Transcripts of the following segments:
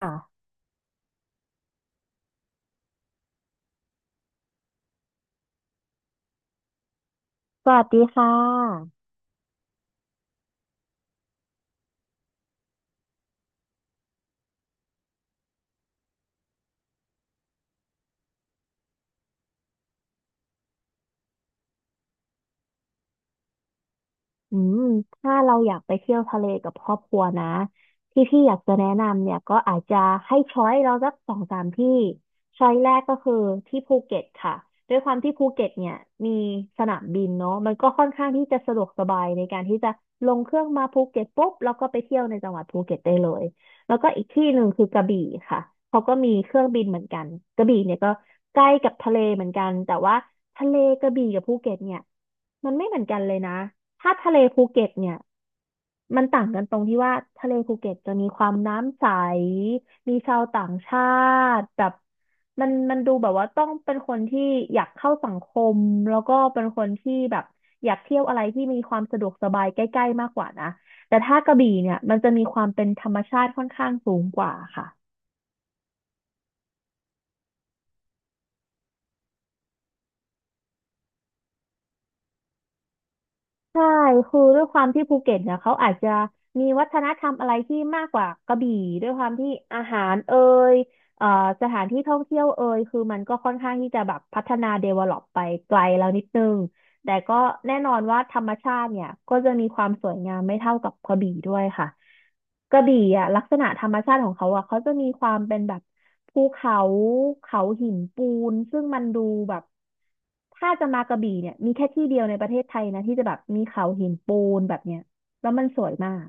ค่ะสวัสดีค่ะ อืมถ้าเราอยากไปเที่ยวทะเลกับครอบครัวนะที่พี่อยากจะแนะนำเนี่ยก็อาจจะให้ช้อยเราสักสองสามที่ช้อยแรกก็คือที่ภูเก็ตค่ะด้วยความที่ภูเก็ตเนี่ยมีสนามบินเนาะมันก็ค่อนข้างที่จะสะดวกสบายในการที่จะลงเครื่องมาภูเก็ตปุ๊บแล้วก็ไปเที่ยวในจังหวัดภูเก็ตได้เลยแล้วก็อีกที่หนึ่งคือกระบี่ค่ะเขาก็มีเครื่องบินเหมือนกันกระบี่เนี่ยก็ใกล้กับทะเลเหมือนกันแต่ว่าทะเลกระบี่กับภูเก็ตเนี่ยมันไม่เหมือนกันเลยนะ ถ้าทะเลภูเก็ตเนี่ยมันต่างกันตรงที่ว่าทะเลภูเก็ตจะมีความน้ำใสมีชาวต่างชาติแบบมันดูแบบว่าต้องเป็นคนที่อยากเข้าสังคมแล้วก็เป็นคนที่แบบอยากเที่ยวอะไรที่มีความสะดวกสบายใกล้ๆมากกว่านะแต่ถ้ากระบี่เนี่ยมันจะมีความเป็นธรรมชาติค่อนข้างสูงกว่าค่ะ ใช่ คือด้วยความที่ภูเก็ตเนี่ยเขาอาจจะมีวัฒนธรรมอะไรที่มากกว่ากระบี่ด้วยความที่อาหารเอ่ยเอ่อสถานที่ท่องเที่ยวเอ่ยคือมันก็ค่อนข้างที่จะแบบพัฒนาเดเวล็อปไปไกลแล้วนิดนึง แต่ก็แน่นอนว่าธรรมชาติเนี่ยก็จะมีความสวยงามไม่เท่ากับกระบี่ด้วยค่ะกระบี่อ่ะลักษณะธรรมชาติของเขาอ่ะเขาจะมีความเป็นแบบภูเขาเขาหินปูนซึ่งมันดูแบบถ้าจะมากระบี่เนี่ยมีแค่ที่เดียวในประเทศไทยนะที่จะแบบมีเขาหินปูนแบบเนี้ยแล้วมันสวยมาก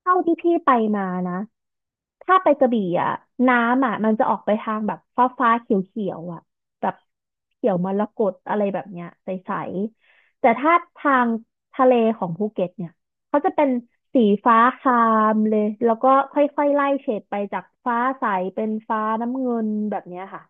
เท่าที่พี่ไปมานะ ถ้าไปกระบี่อ่ะน้ำอ่ะมันจะออกไปทางแบบฟ้าฟ้าเขียวเขียวอ่ะแบบเขียวมรกตอะไรแบบเนี้ยใสๆ แต่ถ้าทางทะเลของภูเก็ตเนี่ยเขาจะเป็นสีฟ้าครามเลยแล้วก็ค่อยๆไล่เฉดไปจากฟ้าใสเป็นฟ้าน้ำเงินแบบเนี้ยค่ะ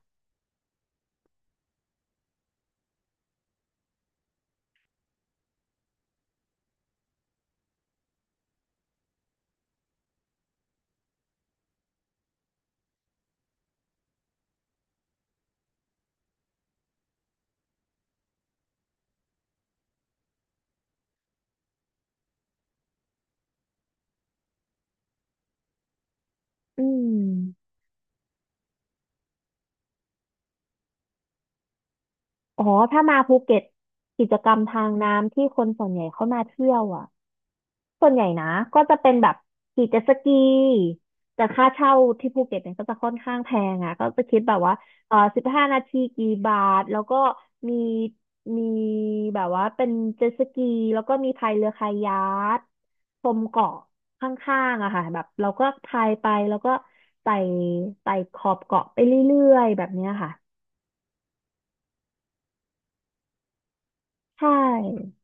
อืมอ๋อถ้ามาภูเก็ตกิจกรรมทางน้ำที่คนส่วนใหญ่เข้ามาเที่ยวอ่ะ ส่วนใหญ่นะก็จะเป็นแบบขี่เจ็ตสกีแต่ค่าเช่าที่ภูเก็ตเนี่ยก็จะค่อนข้างแพงอ่ะก็จะคิดแบบว่าเออ15 นาทีกี่บาทแล้วก็มีมีแบบว่าเป็นเจ็ตสกีแล้วก็มีพายเรือคายัคชมเกาะข้างๆอะค่ะแบบเราก็พายไปแล้วก็ไต่ไต่ขอบเกาะไปเรื่อยๆแบบเนี้ยค่ะใช่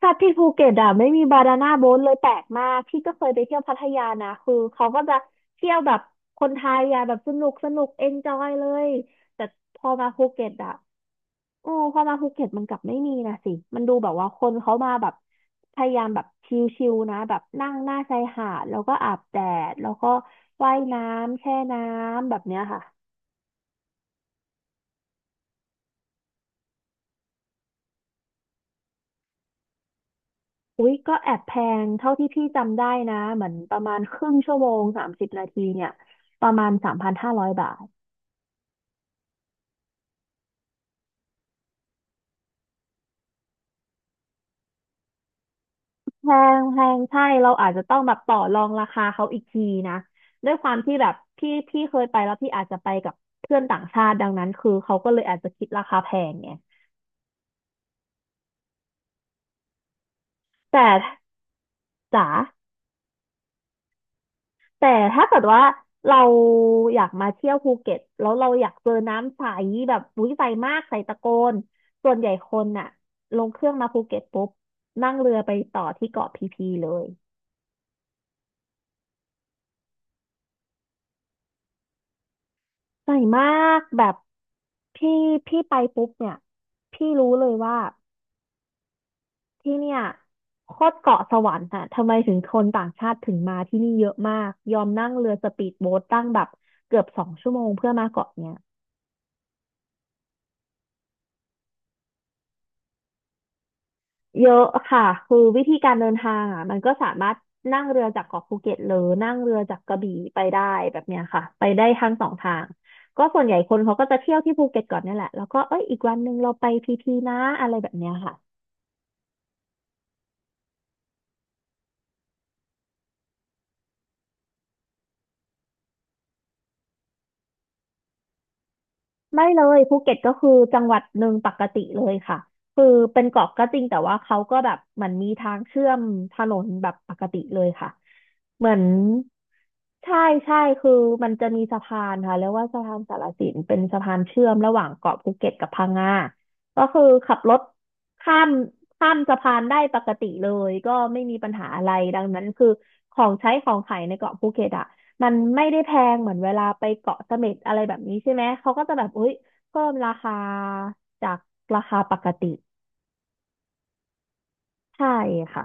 ถ้าที่ภูเก็ตอ่ะไม่มีบานาน่าโบ๊ทเลยแปลกมากพี่ก็เคยไปเที่ยวพัทยานะคือเขาก็จะเที่ยวแบบคนไทยอ่ะแบบสนุกสนุกเอนจอยเลยแต่พอมาภูเก็ตอ่ะโอ้พอมาภูเก็ตมันกลับไม่มีนะสิมันดูแบบว่าคนเขามาแบบพยายามแบบชิลๆนะแบบนั่งหน้าชายหาดแล้วก็อาบแดดแล้วก็ว่ายน้ำแช่น้ำแบบเนี้ยค่ะอุ๊ยก็แอบแพงเท่าที่พี่จำได้นะเหมือนประมาณครึ่งชั่วโมง30 นาทีเนี่ยประมาณ3,500 บาท แพงแพงใช่เราอาจจะต้องแบบต่อรองราคาเขาอีกทีนะด้วยความที่แบบพี่เคยไปแล้วพี่อาจจะไปกับเพื่อนต่างชาติดังนั้นคือเขาก็เลยอาจจะคิดราคาแพงไงแต่จ๋าแต่ถ้าเกิดว่าเราอยากมาเที่ยวภูเก็ตแล้วเราอยากเจอน้ำใสแบบอุ้ยใสมากใสตะโกนส่วนใหญ่คนน่ะลงเครื่องมาภูเก็ตปุ๊บนั่งเรือไปต่อที่เกาะพีพีเลยใส่มากแบบพี่พี่ไปปุ๊บเนี่ยพี่รู้เลยว่า ที่เนี่ยโคตรเกาะสวรรค์อะทำไมถึงคนต่างชาติถึงมาที่นี่เยอะมากยอมนั่งเรือสปีดโบ๊ทตั้งแบบเกือบ2 ชั่วโมงเพื่อมาเกาะเนี่ยเยอะค่ะคือวิธีการเดินทางอ่ะมันก็สามารถนั่งเรือจากเกาะภูเก็ตหรือนั่งเรือจากกระบี่ไปได้แบบเนี้ยค่ะไปได้ทั้งสองทางก็ส่วนใหญ่คนเขาก็จะเที่ยวที่ภูเก็ตก่อนเนี่ยแหละแล้วก็เอ้ยอีกวันหนึ่งเราไปพีพีนะอะไรแบบเนี้ยค่ะ ไม่เลยภูเก็ตก็คือจังหวัดหนึ่งปกติเลยค่ะคือเป็นเกาะก็จริงแต่ว่าเขาก็แบบเหมือนมีทางเชื่อมถนนแบบปกติเลยค่ะเหมือนใช่ใช่คือมันจะมีสะพานค่ะเรียกว่าสะพานสารสินเป็นสะพานเชื่อมระหว่างเกาะภูเก็ตกับพังงาก็คือขับรถข้ามข้ามสะพานได้ปกติเลยก็ไม่มีปัญหาอะไรดังนั้นคือของใช้ของขายในเกาะภูเก็ตอะ มันไม่ได้แพงเหมือนเวลาไปเกาะเสม็ดอะไรแบบนี้ใช่ไหมเขาก็จะแบบออ้ยเพิ่มราคาจากราคาปกติใช่ค่ะ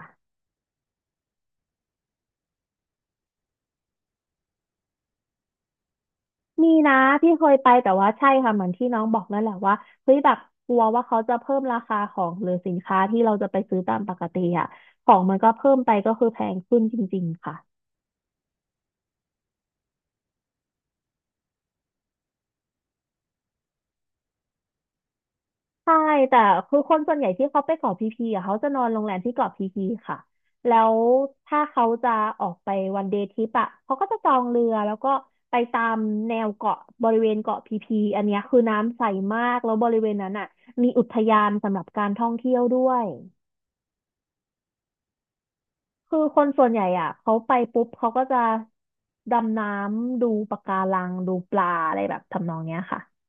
มีนะที่เคยไปแต่ว่าใช่ค่ะเหมือนที่น้องบอกนั่นแหละว่าเฮ้ยแบบกลัวว่าเขาจะเพิ่มราคาของหรือสินค้าที่เราจะไปซื้อตามปกติอ่ะของมันก็เพิ่มไปก็คือแพงขึ้นจริงๆค่ะ ใช่แต่คือคนส่วนใหญ่ที่เขาไปเกาะพีพีอะเขาจะนอนโรงแรมที่เกาะพีพีค่ะแล้วถ้าเขาจะออกไปวันเดย์ทริปอะเขาก็จะจองเรือแล้วก็ไปตามแนวเกาะบริเวณเกาะพีพีอันเนี้ยคือน้ำใสมากแล้วบริเวณนั้นอะมีอุทยานสำหรับการท่องเที่ยวด้วยคือคนส่วนใหญ่อะเขาไปปุ๊บเขาก็จะดำน้ำดูปะการังดูปลาอะไรแบบทำนองเนี้ยค่ะ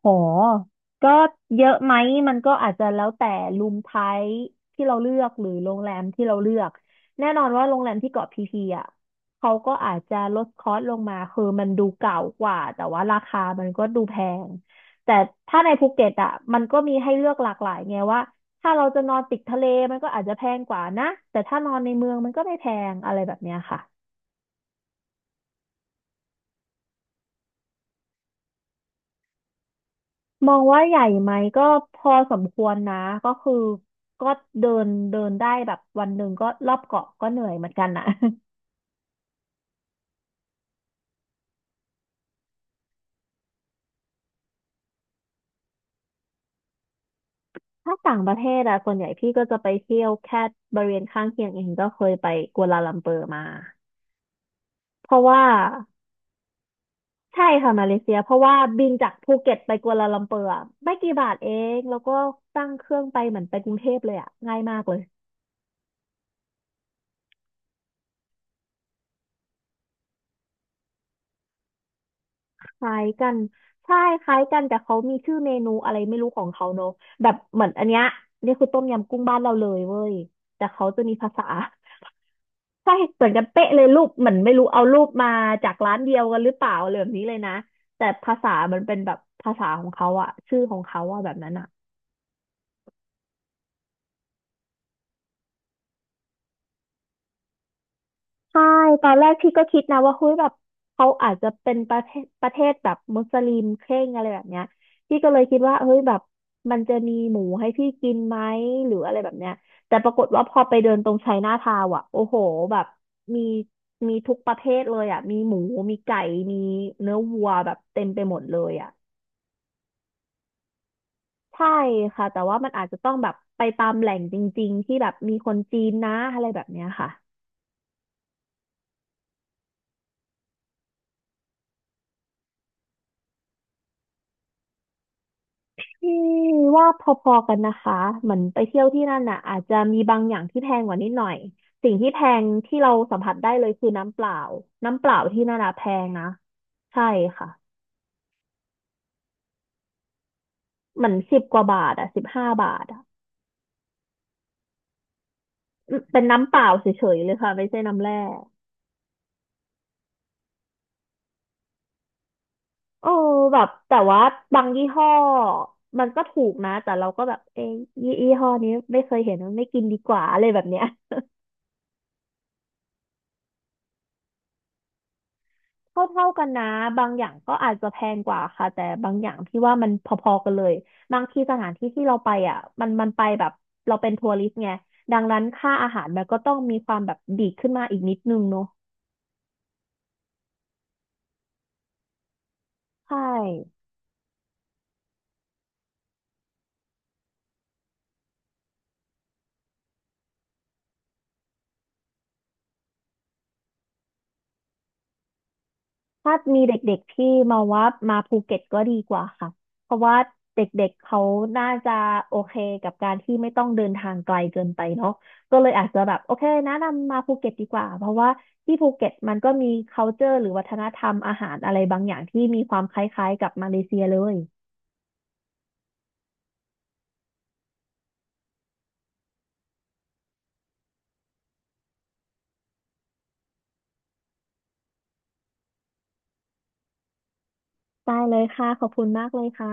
โหก็เยอะไหมมันก็อาจจะแล้วแต่รูมไทป์ที่เราเลือกหรือโรงแรมที่เราเลือกแน่นอนว่าโรงแรมที่เกาะพีพีอ่ะเขาก็อาจจะลดคอสลงมาคือมันดูเก่ากว่าแต่ว่าราคามันก็ดูแพงแต่ถ้าในภูเก็ตอ่ะมันก็มีให้เลือกหลากหลายไงว่าถ้าเราจะนอนติดทะเลมันก็อาจจะแพงกว่านะแต่ถ้านอนในเมืองมันก็ไม่แพงอะไรแบบเนี้ยค่ะ มองว่าใหญ่ไหมก็พอสมควรนะก็คือก็เดินเดินได้แบบวันหนึ่งก็รอบเกาะก็เหนื่อยเหมือนกันนะ ถ้าต่างประเทศอะส่วนใหญ่พี่ก็จะไปเที่ยวแค่บริเวณข้างเคียงเองก็เคยไปกัวลาลัมเปอร์มาเพราะว่าใช่ค่ะมาเลเซียเพราะว่าบินจากภูเก็ตไปกัวลาลัมเปอร์อะไม่กี่บาทเองแล้วก็ตั้งเครื่องไปเหมือนไปกรุงเทพเลยอะง่ายมากเลย คล้ายกันใช่คล้ายกันแต่เขามีชื่อเมนูอะไรไม่รู้ของเขาเนอะแบบเหมือนอันเนี้ยนี่คือต้มยำกุ้งบ้านเราเลยเว้ยแต่เขาจะมีภาษาใช่เหมือนกันเป๊ะเลยรูปเหมือนไม่รู้เอารูปมาจากร้านเดียวกันหรือเปล่าอะไรแบบนี้เลยนะแต่ภาษามันเป็นแบบภาษาของเขาอะชื่อของเขาอะแบบนั้นอะ ใช่ตอนแรกพี่ก็คิดนะว่าเฮ้ยแบบเขาอาจจะเป็นประเทศแบบมุสลิมเคร่งอะไรแบบเนี้ยพี่ก็เลยคิดว่าเฮ้ยแบบมันจะมีหมูให้พี่กินไหมหรืออะไรแบบเนี้ยแต่ปรากฏว่าพอไปเดินตรงไชน่าทาวน์อ่ะโอ้โหแบบมีมีทุกประเภทเลยอ่ะมีหมูมีไก่มีเนื้อวัวแบบเต็มไปหมดเลยอ่ะใช่ค่ะแต่ว่ามันอาจจะต้องแบบไปตามแหล่งจริงๆที่แบบมีคนจีนนะอะไรแบบเนี้ยค่ะ พี่ว่าพอๆกันนะคะเหมือนไปเที่ยวที่นั่นน่ะอาจจะมีบางอย่างที่แพงกว่านิดหน่อยสิ่งที่แพงที่เราสัมผัสได้เลยคือน้ำเปล่าน้ำเปล่าที่นั่นน่ะแพงนะใช่ค่ะเหมือน10 กว่าบาทอะ15 บาทอะอืมเป็นน้ำเปล่าเฉยๆเลยค่ะไม่ใช่น้ำแร่เออแบบแต่ว่าบางยี่ห้อมันก็ถูกนะแต่เราก็แบบเอ้ยยี่ห้อนี้ไม่เคยเห็นไม่กินดีกว่าอะไรแบบเนี้ย เท่าเท่ากันนะบางอย่างก็อาจจะแพงกว่าค่ะแต่บางอย่างที่ว่ามันพอๆกันเลยบางทีสถานที่ที่เราไปอ่ะมันไปแบบเราเป็นทัวริสต์ไงดังนั้นค่าอาหารมันก็ต้องมีความแบบดีดขึ้นมาอีกนิดนึงเนาะใช่ ถ้ามีเด็กๆที่มาว่ามาภูเก็ตก็ดีกว่าค่ะเพราะว่าเด็กๆเขาน่าจะโอเคกับการที่ไม่ต้องเดินทางไกลเกินไปเนาะก็เลยอาจจะแบบโอเคแนะนำมาภูเก็ตดีกว่าเพราะว่าที่ภูเก็ตมันก็มี culture หรือวัฒนธรรมอาหารอะไรบางอย่างที่มีความคล้ายๆกับมาเลเซียเลยได้เลยค่ะขอบคุณมากเลยค่ะ